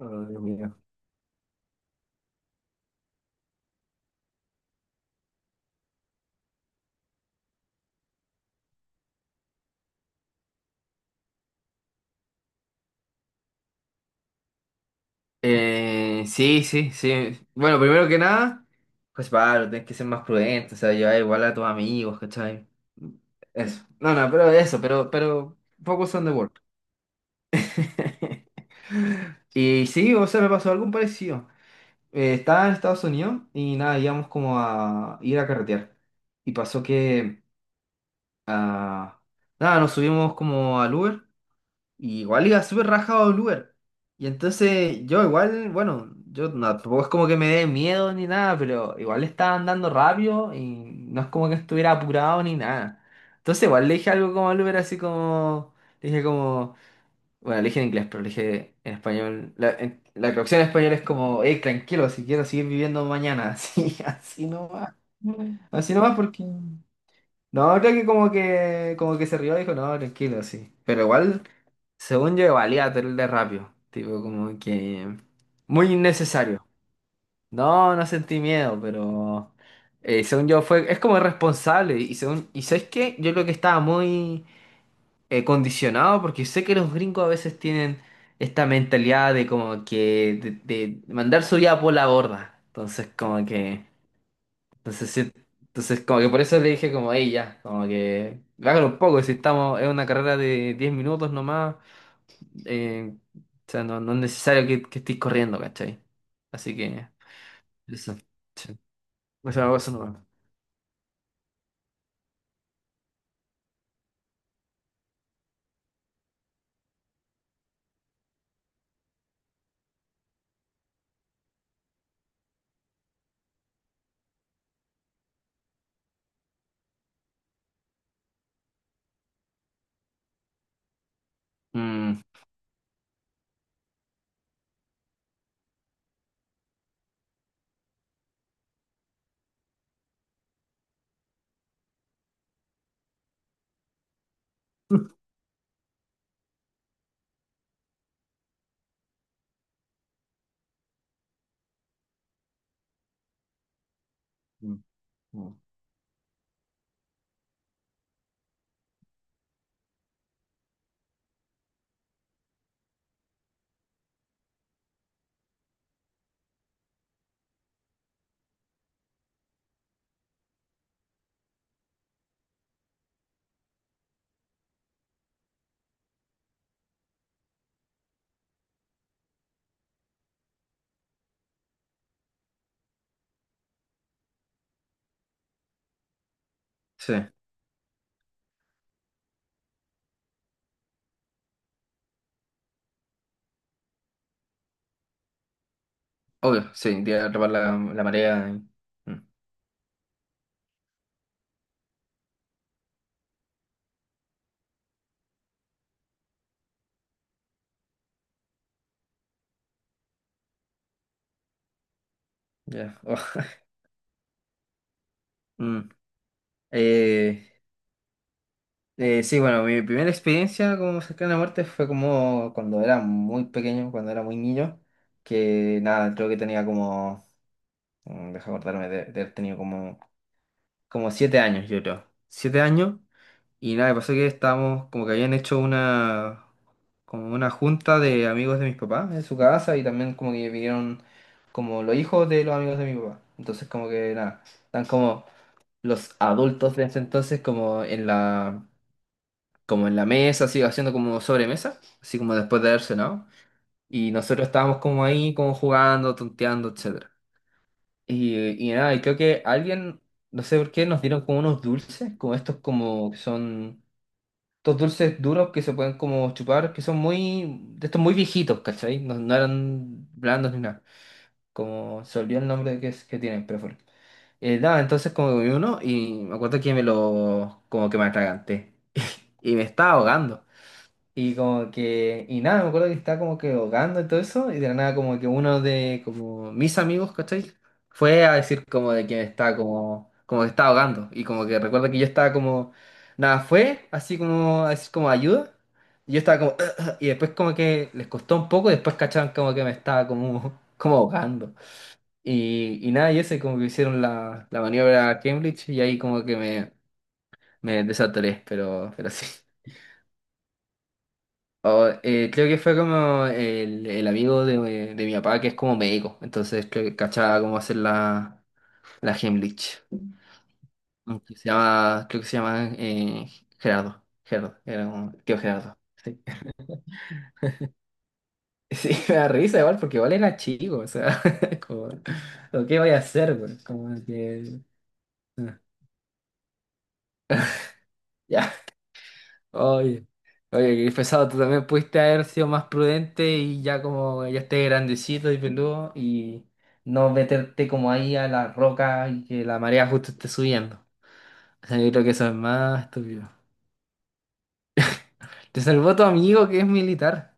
Ay, Dios mío. Sí, sí, sí. Bueno, primero que nada, pues Pablo, tienes que ser más prudente, o sea, llevar igual a tus amigos, ¿cachai? Eso. No, no, pero eso, pero focus on the work. Y sí, o sea, me pasó algo parecido. Estaba en Estados Unidos y nada, íbamos como a ir a carretear. Y pasó que, ah, nada, nos subimos como al Uber y igual iba súper rajado al lugar. Y entonces yo igual, bueno, yo no, tampoco es como que me dé miedo ni nada, pero igual estaba andando rápido y no es como que estuviera apurado ni nada. Entonces igual le dije algo como al Uber, así como, le dije como, bueno, le dije en inglés, pero le dije en español, la, la traducción en español es como, hey, tranquilo, si quiero seguir viviendo mañana, así, así nomás. Así nomás porque... No, creo que como que se rió y dijo, no, tranquilo, sí. Pero igual según yo, valía el de rápido. Tipo, como que muy innecesario. No, no sentí miedo, pero según yo fue, es como irresponsable. Y según, y ¿sabes qué? Yo creo que estaba muy condicionado porque sé que los gringos a veces tienen esta mentalidad de como que de mandar su vida por la borda. Entonces, como que, entonces, entonces como que por eso le dije como, ella, como que, hágalo un poco, si estamos, es una carrera de 10 minutos nomás. O sea, no, no es necesario que estés corriendo, ¿cachai? Así que, eso. Sí. O sea, eso no. Mm. Mm, mm. Sí, obvio, sí, iría a atrapar la, la marea. Ya. Oh. Mm. Eh, sí, bueno, mi primera experiencia como cercana a la muerte fue como cuando era muy pequeño, cuando era muy niño, que nada, creo que tenía como, deja acordarme de haber tenido como, como 7 años, yo creo. 7 años. Y nada, pasó que estábamos, como que habían hecho una, como una junta de amigos de mis papás en su casa y también como que vinieron como los hijos de los amigos de mi papá. Entonces como que nada, están como los adultos de ese entonces como en la mesa, así haciendo como sobremesa, así como después de haber cenado. Y nosotros estábamos como ahí, como jugando, tonteando, etcétera. Y nada, y creo que alguien, no sé por qué, nos dieron como unos dulces, como estos como que son estos dulces duros que se pueden como chupar, que son muy, de estos muy viejitos, ¿cachai? No, no eran blandos ni nada, como se olvidó el nombre que, es, que tienen, pero bueno. Nada, entonces como comí uno y me acuerdo que me lo, como que me atraganté y me estaba ahogando. Y como que, y nada, me acuerdo que estaba como que ahogando y todo eso, y de la nada como que uno de como mis amigos, ¿cachai? Fue a decir como de que me estaba como, como que estaba ahogando, y como que recuerdo que yo estaba como, nada, fue así como a decir como ayuda, y yo estaba como, y después como que les costó un poco, y después cacharon como que me estaba como, como ahogando. Y nada, y ese como que hicieron la, la maniobra Cambridge, y ahí como que me desatoré, pero sí. Oh, creo que fue como el amigo de mi papá que es como médico, entonces creo que cachaba cómo hacer la, la Heimlich. Mm, que se llama, creo que se llama Gerardo. Gerardo, era un tío Gerardo. Sí. Sí, me da risa igual porque igual era chico, o sea, como, ¿lo que voy a hacer, güey? Como que... ah, ya. Oye, oye, qué pesado, tú también pudiste haber sido más prudente y ya como ya estés grandecito y peludo y no meterte como ahí a la roca y que la marea justo esté subiendo. O sea, yo creo que eso es más estúpido. Te salvó tu amigo que es militar.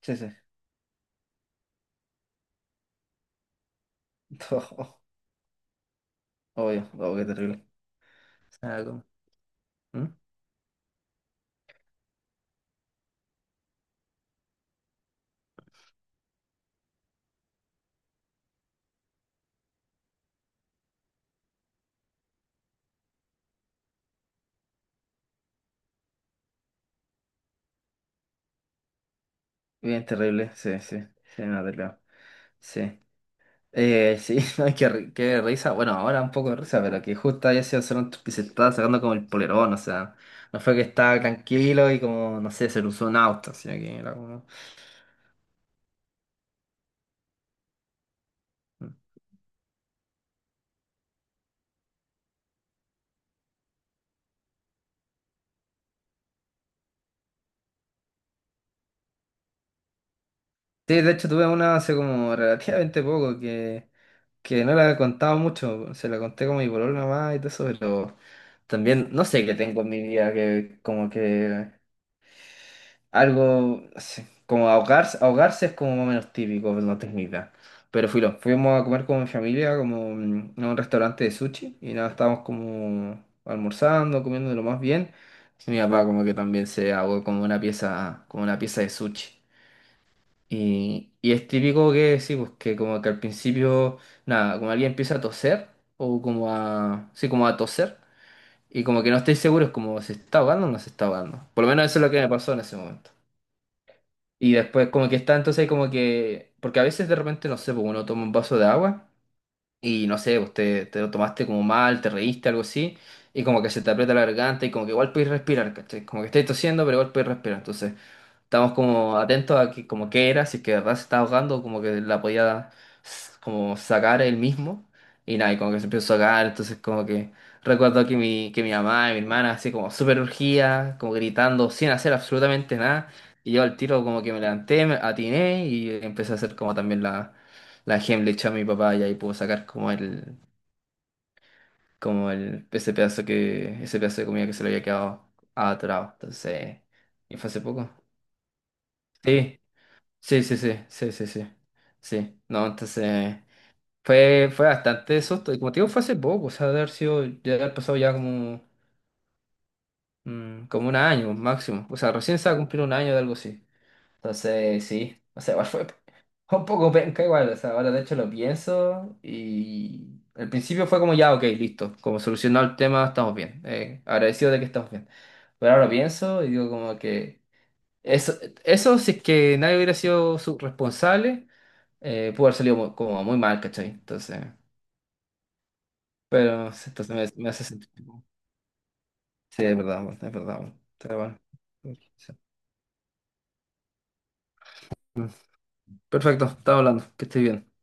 Sí, sí. Obvio, obvio, qué terrible. O sea, como- ¿Mm? Bien terrible, sí, sí. Sí, no te creo. Sí. Sí, no qué, ri- qué risa. Bueno, ahora un poco de risa, pero que justo haya sido Toronto que se estaba sacando como el polerón, o sea, no fue que estaba tranquilo y como, no sé, se le usó un auto, sino que era como... Mm. Sí, de hecho tuve una hace como relativamente poco que no la he contado mucho, se la conté como a mi polola nomás y todo eso, pero también no sé qué tengo en mi vida que como que algo, no sé, como ahogarse, ahogarse es como más o menos típico, pero no tengo idea. Pero filo, fuimos a comer con mi familia, como a un restaurante de sushi, y nada, estábamos como almorzando, comiendo de lo más bien. Y mi papá como que también se ahogó como una pieza de sushi. Y es típico que sí, pues que como que al principio, nada, como alguien empieza a toser, o como a, sí, como a toser, y como que no estoy seguro, es como se está ahogando o no se está ahogando. Por lo menos eso es lo que me pasó en ese momento. Y después como que está entonces como que... Porque a veces de repente, no sé, pues uno toma un vaso de agua y no sé, usted te lo tomaste como mal, te reíste, algo así, y como que se te aprieta la garganta y como que igual puedes respirar, ¿cachai? Como que estáis tosiendo, pero igual puedes respirar. Entonces, estamos como atentos a que, como qué era, si es que de verdad se estaba ahogando, como que la podía como sacar él mismo. Y nada, y como que se empezó a ahogar, entonces como que recuerdo que mi mamá y mi hermana así como súper urgía, como gritando, sin hacer absolutamente nada. Y yo al tiro como que me levanté, me atiné y empecé a hacer como también la, la Heimlich a mi papá y ahí pudo sacar como el, ese pedazo que, ese pedazo de comida que se le había quedado atrapado. Entonces, y fue hace poco. Sí. Sí, sí, sí, sí, sí, sí, sí, no, entonces fue, fue bastante eso, y como te digo, fue hace poco, o sea, de haber sido, ya haber pasado ya como, como un año máximo, o sea, recién se va a cumplir un año de algo así, entonces sí, o sea, igual fue un poco penca igual, o sea, ahora de hecho lo pienso y al principio fue como ya, ok, listo, como solucionado el tema, estamos bien, agradecido de que estamos bien, pero ahora lo pienso y digo como que... Eso, eso si es que nadie hubiera sido su responsable, pudo haber salido como muy mal, ¿cachai? Entonces, pero sí, entonces me hace sentir. Sí, es verdad, es verdad. Está bueno. Perfecto, estamos hablando, que estés bien.